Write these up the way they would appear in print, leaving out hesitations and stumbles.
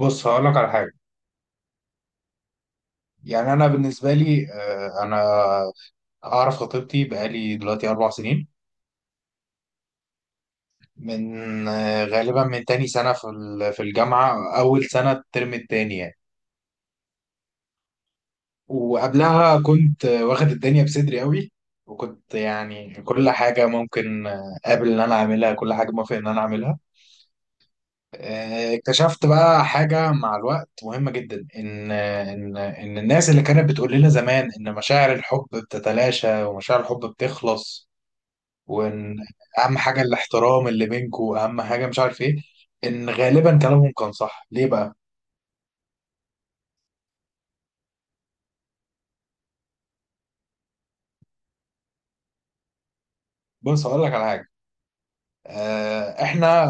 بص هقول لك على حاجه. يعني انا بالنسبه لي، انا اعرف خطيبتي بقالي دلوقتي 4 سنين، من غالبا من تاني سنه في في الجامعه، اول سنه الترم التاني يعني. وقبلها كنت واخد الدنيا بصدري قوي. وكنت يعني كل حاجه ممكن قابل ان انا اعملها، كل حاجه موافق ان انا اعملها. اكتشفت بقى حاجه مع الوقت مهمه جدا، ان ان الناس اللي كانت بتقول لنا زمان ان مشاعر الحب بتتلاشى ومشاعر الحب بتخلص، وان اهم حاجه الاحترام اللي بينكوا، اهم حاجه مش عارف ايه، ان غالبا كلامهم كان صح. ليه بقى؟ بص هقول لك على حاجه. احنا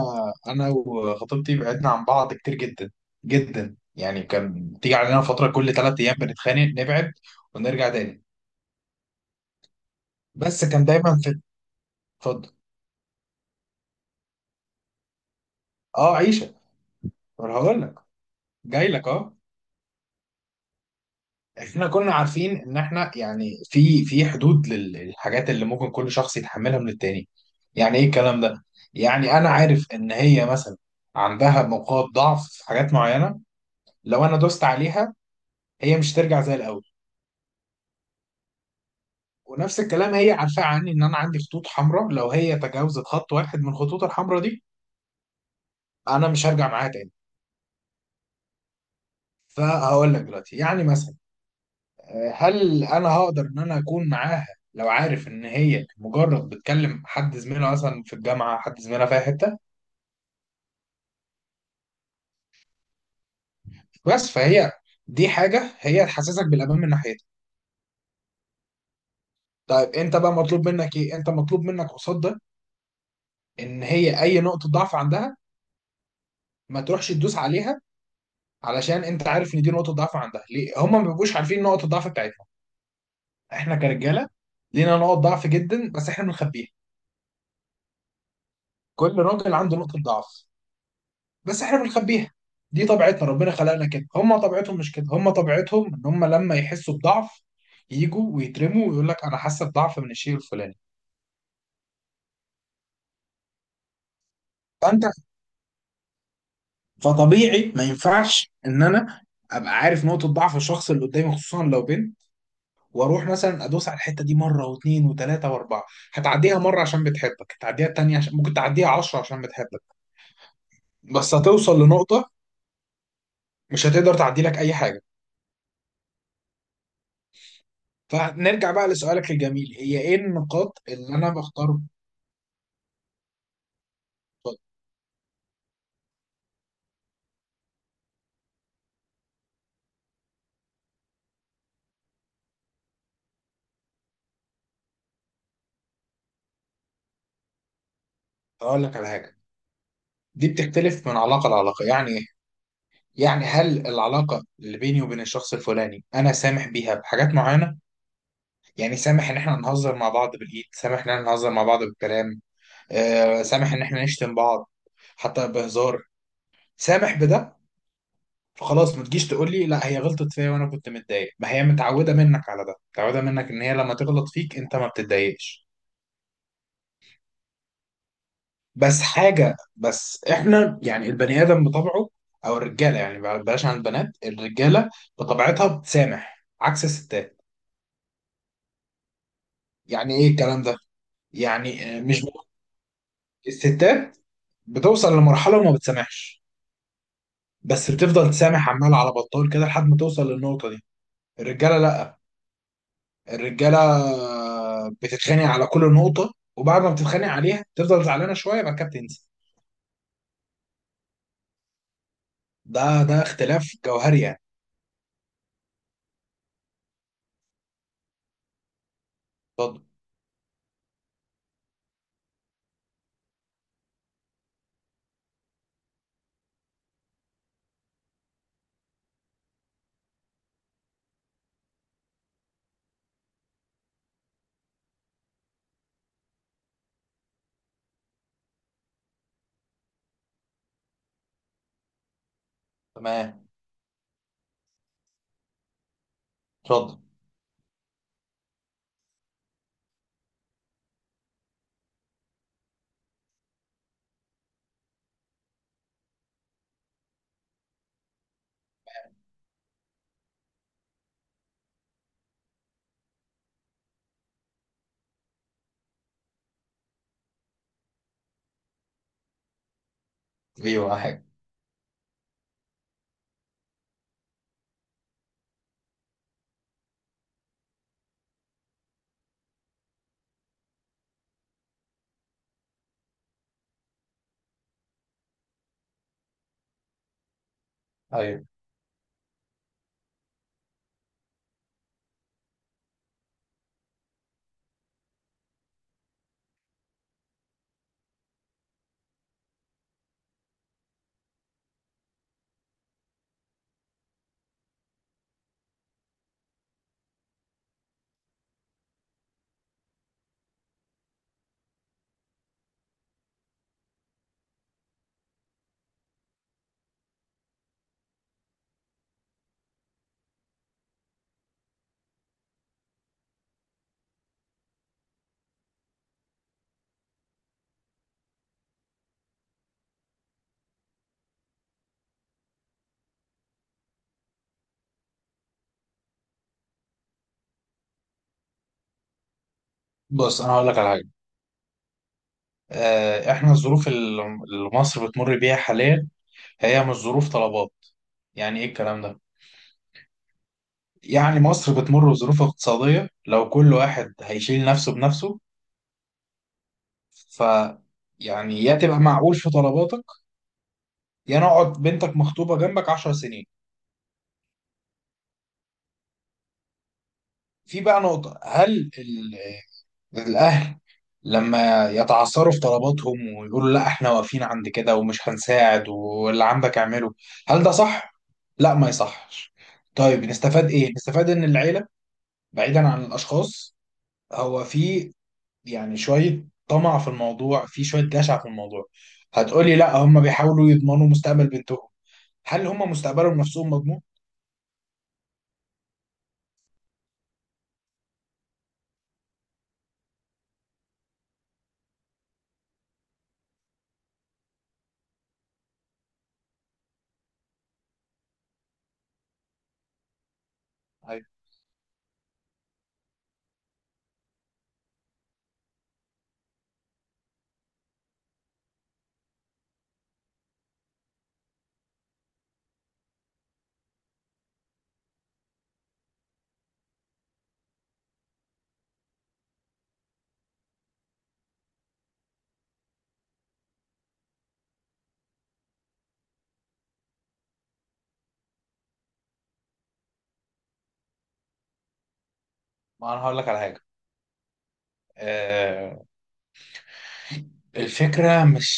انا وخطيبتي بعدنا عن بعض كتير جدا جدا. يعني كان تيجي علينا فتره كل 3 ايام بنتخانق نبعد ونرجع تاني. بس كان دايما في. اتفضل. اه، عيشه. انا هقول لك، جاي لك، اه. احنا كنا عارفين ان احنا يعني في حدود للحاجات اللي ممكن كل شخص يتحملها من التاني. يعني ايه الكلام ده؟ يعني انا عارف ان هي مثلا عندها نقاط ضعف في حاجات معينة، لو انا دوست عليها هي مش ترجع زي الاول. ونفس الكلام، هي عارفة عني ان انا عندي خطوط حمراء، لو هي تجاوزت خط واحد من الخطوط الحمراء دي انا مش هرجع معاها تاني. فهقول لك دلوقتي، يعني مثلا، هل انا هقدر ان انا اكون معاها لو عارف ان هي مجرد بتكلم حد زميلها مثلا في الجامعه، حد زميلها في أي حته؟ بس فهي دي حاجه هي تحسسك بالامان من ناحيتها. طيب انت بقى مطلوب منك ايه؟ انت مطلوب منك قصاد ده، ان هي اي نقطه ضعف عندها ما تروحش تدوس عليها، علشان انت عارف ان دي نقطه ضعف عندها. ليه هم ما بيبقوش عارفين نقطه الضعف بتاعتهم؟ احنا كرجاله لينا نقط ضعف جدا، بس احنا بنخبيها. كل راجل عنده نقطه ضعف، بس احنا بنخبيها. دي طبيعتنا، ربنا خلقنا كده. هم طبيعتهم مش كده. هم طبيعتهم ان هم لما يحسوا بضعف يجوا ويترموا ويقول لك انا حاسه بضعف من الشيء الفلاني. فانت فطبيعي ما ينفعش ان انا ابقى عارف نقطه ضعف الشخص اللي قدامي، خصوصا لو بنت، واروح مثلا ادوس على الحته دي مره واثنين وثلاثه واربعه. هتعديها مره عشان بتحبك، هتعديها التانيه عشان ممكن تعديها 10 عشان بتحبك، بس هتوصل لنقطه مش هتقدر تعدي لك اي حاجه. فنرجع بقى لسؤالك الجميل، هي ايه النقاط اللي انا بختار. اقول لك على حاجه، دي بتختلف من علاقه لعلاقه. يعني ايه؟ يعني هل العلاقه اللي بيني وبين الشخص الفلاني انا سامح بيها بحاجات معينه. يعني سامح ان احنا نهزر مع بعض بالايد، سامح ان احنا نهزر مع بعض بالكلام، سامح ان احنا نشتم بعض حتى بهزار، سامح بده. فخلاص، ما تجيش تقول لي لا هي غلطت فيا وانا كنت متضايق. ما هي متعوده منك على ده، متعوده منك ان هي لما تغلط فيك انت ما بتتضايقش. بس حاجة، بس احنا يعني البني آدم بطبعه، أو الرجالة يعني بلاش عن البنات، الرجالة بطبيعتها بتسامح عكس الستات. يعني إيه الكلام ده؟ يعني آه، مش ب- الستات بتوصل لمرحلة وما بتسامحش، بس بتفضل تسامح عمال على بطال كده لحد ما توصل للنقطة دي. الرجالة لأ. الرجالة بتتخانق على كل نقطة، وبعد ما بتتخانق عليها تفضل زعلانة شوية بعد كده بتنسى. ده اختلاف جوهري يعني. اتفضل. تمام. اتفضل. ايوه حاجة. ايوه. بص انا هقول لك على حاجه. احنا الظروف اللي مصر بتمر بيها حاليا هي مش ظروف طلبات. يعني ايه الكلام ده؟ يعني مصر بتمر بظروف اقتصاديه، لو كل واحد هيشيل نفسه بنفسه، ف يعني يا تبقى معقول في طلباتك، يا نقعد بنتك مخطوبه جنبك 10 سنين. في بقى نقطه، هل الأهل لما يتعثروا في طلباتهم ويقولوا لا احنا واقفين عند كده ومش هنساعد واللي عندك اعمله، هل ده صح؟ لا، ما يصحش. طيب نستفاد ايه؟ نستفاد ان العيلة، بعيدا عن الاشخاص، هو في يعني شوية طمع في الموضوع، في شوية جشع في الموضوع. هتقولي لا هم بيحاولوا يضمنوا مستقبل بنتهم. هل هم مستقبلهم نفسهم مضمون؟ ايوه. ما انا هقول لك على حاجة، آه، الفكرة مش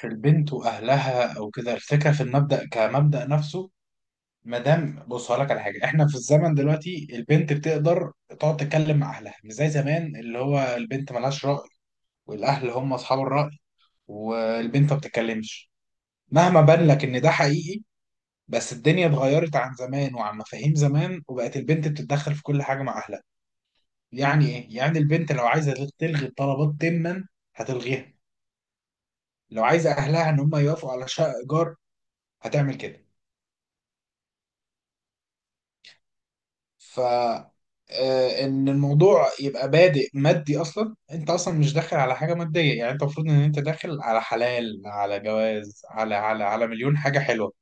في البنت وأهلها أو كده، الفكرة في المبدأ كمبدأ نفسه. مادام، بص هقولك على حاجة، إحنا في الزمن دلوقتي البنت بتقدر تقعد تتكلم مع أهلها، مش زي زمان اللي هو البنت ملهاش رأي والأهل هم أصحاب الرأي والبنت ما بتتكلمش. مهما بان لك إن ده حقيقي، بس الدنيا اتغيرت عن زمان وعن مفاهيم زمان، وبقت البنت بتتدخل في كل حاجة مع أهلها. يعني إيه؟ يعني البنت لو عايزة تلغي الطلبات تما هتلغيها. لو عايزة أهلها إن هم يوافقوا على شقة إيجار هتعمل كده. ف ان الموضوع يبقى بادئ مادي اصلا، انت اصلا مش داخل على حاجه ماديه. يعني انت المفروض ان انت داخل على حلال، على جواز، على مليون حاجه حلوه.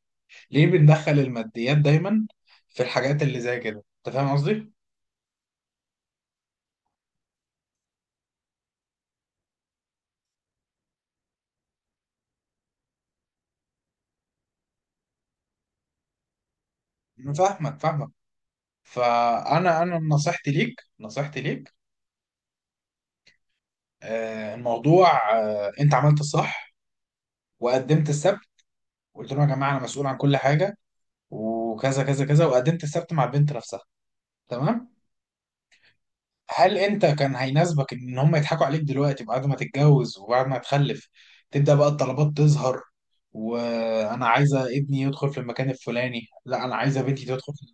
ليه بندخل الماديات دايما في الحاجات اللي زي كده؟ انت فاهم قصدي. أنا فاهمك. فانا نصيحتي ليك. آه، الموضوع آه، انت عملت الصح وقدمت السبت. قلت لهم يا جماعه انا مسؤول عن كل حاجه وكذا كذا كذا. وقدمت السبت مع البنت نفسها. تمام. هل انت كان هيناسبك ان هم يضحكوا عليك دلوقتي بعد ما تتجوز وبعد ما تخلف تبدأ بقى الطلبات تظهر، وانا عايزة ابني يدخل في المكان الفلاني، لا انا عايزة بنتي تدخل في...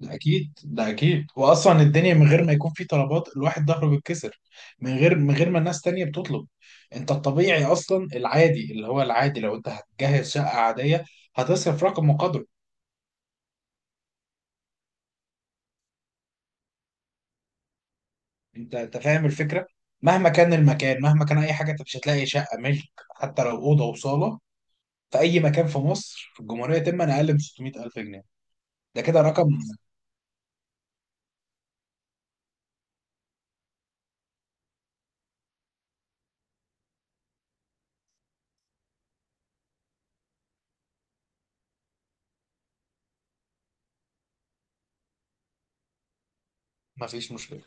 ده اكيد ده اكيد. واصلا الدنيا من غير ما يكون في طلبات الواحد ظهره بيتكسر، من غير ما الناس تانية بتطلب. انت الطبيعي اصلا العادي اللي هو العادي، لو انت هتجهز شقة عادية هتصرف رقم وقدره. انت فاهم الفكرة. مهما كان المكان، مهما كان اي حاجة، انت مش هتلاقي شقة ملك. حتى لو أوضة وصالة في اي مكان في مصر في الجمهوريه تم، انا اقل من 600000 جنيه. ده كده رقم. ما فيش مشكله.